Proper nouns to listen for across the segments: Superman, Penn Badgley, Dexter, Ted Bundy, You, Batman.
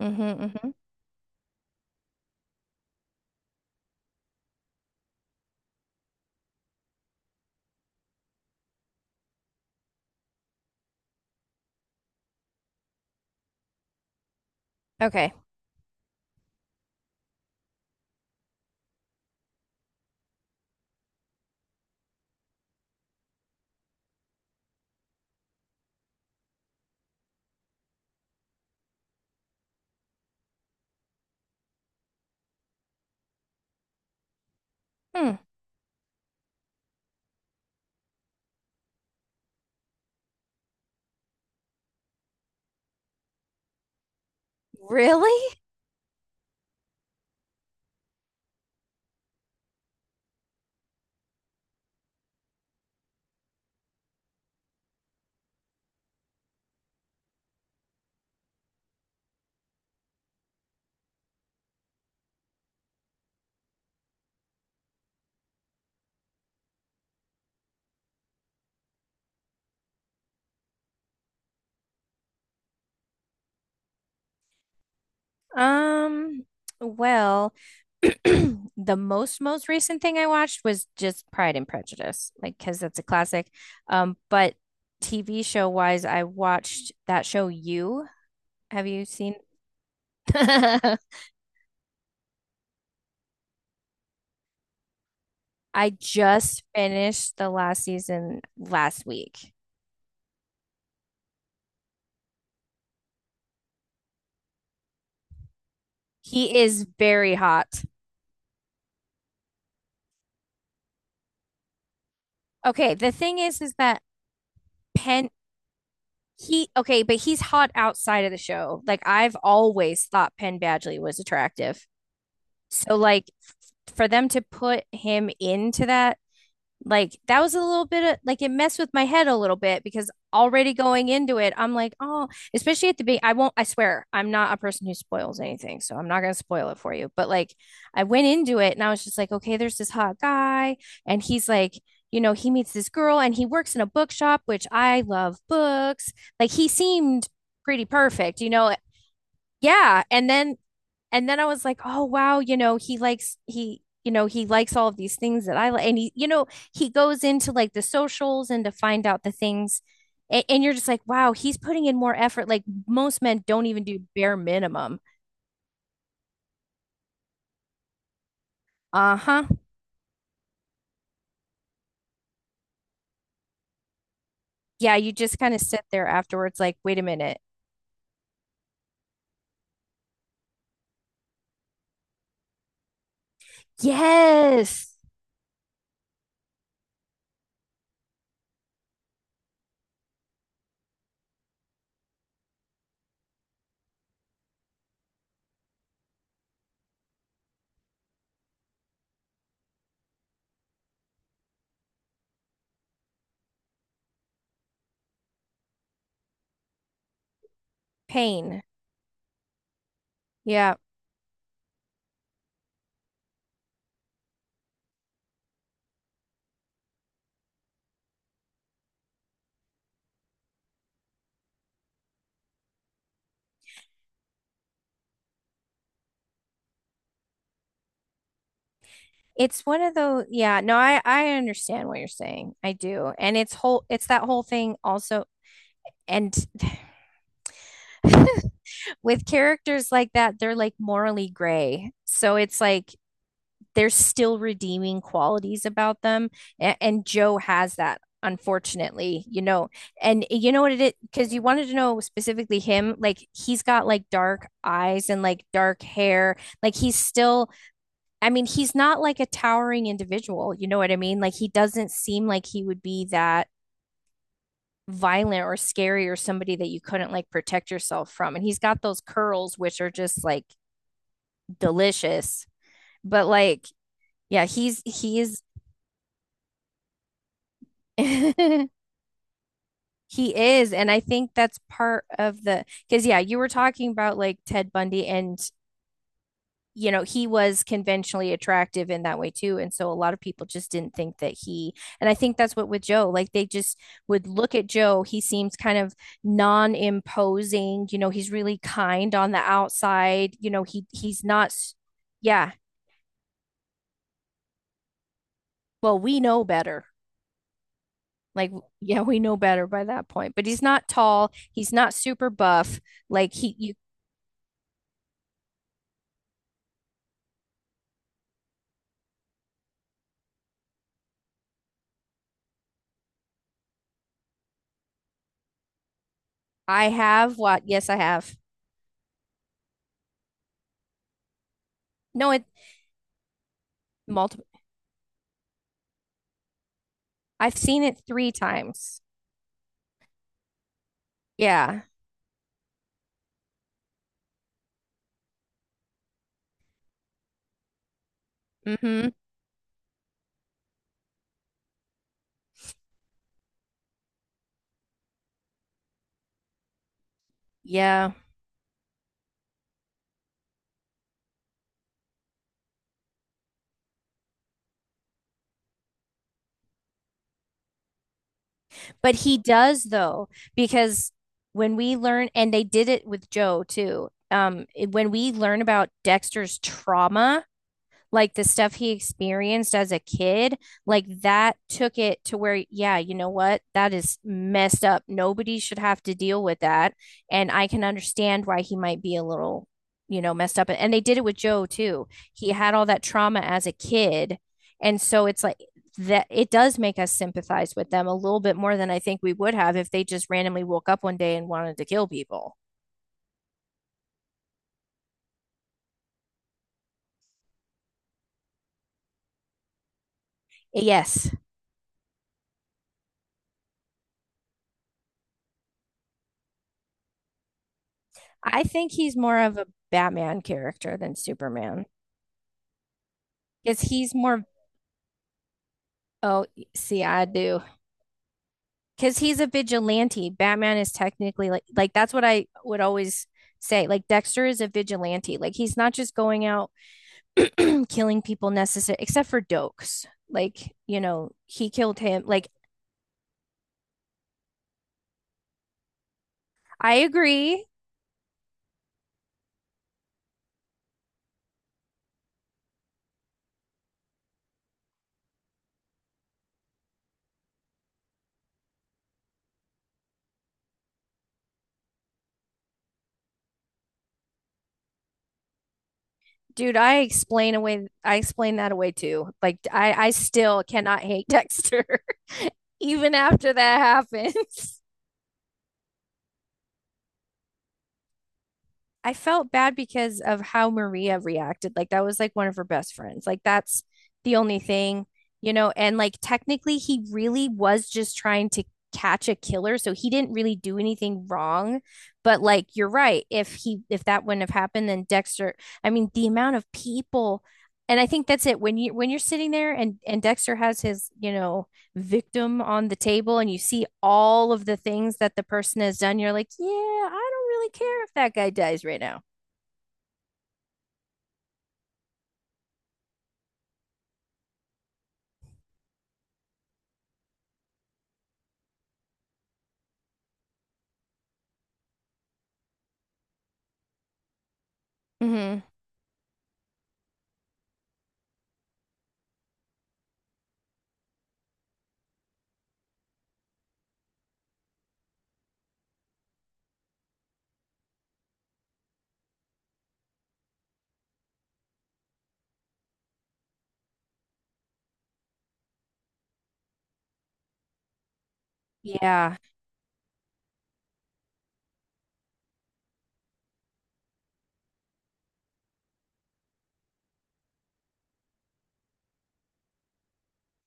Mm-hmm, mm-hmm. Okay. Hmm. Really? Um, well, the most recent thing I watched was just Pride and Prejudice, like because that's a classic. But TV show wise, I watched that show You. Have you seen? I just finished the last season last week. He is very hot. Okay, the thing is that pen. He okay, but he's hot outside of the show. Like I've always thought Penn Badgley was attractive. So like for them to put him into that, like that was a little bit of, like, it messed with my head a little bit because already going into it, I'm like, oh, especially at the beginning. I won't, I swear, I'm not a person who spoils anything. So I'm not going to spoil it for you. But like I went into it and I was just like, okay, there's this hot guy. And he's like, you know, he meets this girl and he works in a bookshop, which I love books. Like he seemed pretty perfect, you know? Yeah. And then I was like, oh wow, you know, he, you know, he likes all of these things that I like, and he, you know, he goes into like the socials and to find out the things, and you're just like, wow, he's putting in more effort. Like most men don't even do bare minimum. Uh huh. Yeah, you just kind of sit there afterwards, like, wait a minute. Yes, pain. Yeah. It's one of those, yeah, no, I understand what you're saying. I do. And it's that whole thing also and with characters like that, they're like morally gray. So it's like there's still redeeming qualities about them. And Joe has that, unfortunately, you know. And eh, you know what it is? Because you wanted to know specifically him, like he's got like dark eyes and like dark hair. Like he's still, I mean, he's not like a towering individual. You know what I mean? Like he doesn't seem like he would be that violent or scary or somebody that you couldn't like protect yourself from. And he's got those curls, which are just like delicious. But like, yeah, he's he is, and I think that's part of the, because yeah, you were talking about like Ted Bundy, and you know he was conventionally attractive in that way too, and so a lot of people just didn't think that he, and I think that's what with Joe, like they just would look at Joe, he seems kind of non-imposing, you know, he's really kind on the outside, you know, he he's not, yeah, well, we know better. Like, yeah, we know better by that point. But he's not tall. He's not super buff. Like he, you, I have what? Yes, I have. No, it multiple. I've seen it three times. Yeah. Mm-hmm. Yeah. But he does though, because when we learn, and they did it with Joe too. It- when we learn about Dexter's trauma, like the stuff he experienced as a kid, like that took it to where, yeah, you know what? That is messed up. Nobody should have to deal with that. And I can understand why he might be a little, you know, messed up. And they did it with Joe too. He had all that trauma as a kid. And so it's like that it does make us sympathize with them a little bit more than I think we would have if they just randomly woke up one day and wanted to kill people. Yes, I think he's more of a Batman character than Superman. Because he's more, oh, see, I do. Because he's a vigilante. Batman is technically like that's what I would always say. Like Dexter is a vigilante. Like he's not just going out and killing people necessary, except for Dokes. Like, you know, he killed him. Like, I agree. Dude, I explain that away too. Like, I still cannot hate Dexter, even after that happens. I felt bad because of how Maria reacted. Like that was like one of her best friends. Like that's the only thing, you know, and like technically he really was just trying to catch a killer, so he didn't really do anything wrong. But like you're right, if he, if that wouldn't have happened, then Dexter, I mean the amount of people, and I think that's it, when you're sitting there, and Dexter has his, you know, victim on the table and you see all of the things that the person has done, you're like, yeah, I don't really care if that guy dies right now. Hmm. Yeah,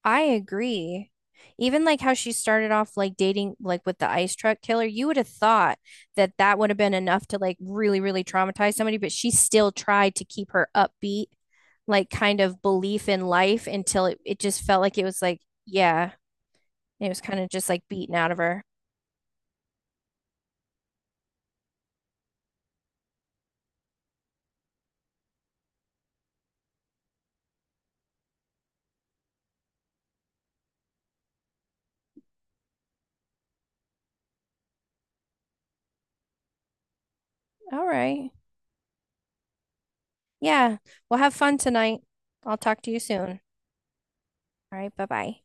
I agree. Even like how she started off like dating like with the ice truck killer, you would have thought that that would have been enough to like really, really traumatize somebody, but she still tried to keep her upbeat, like kind of belief in life until it just felt like it was like, yeah, it was kind of just like beaten out of her. All right. Yeah. Well, have fun tonight. I'll talk to you soon. All right. Bye bye.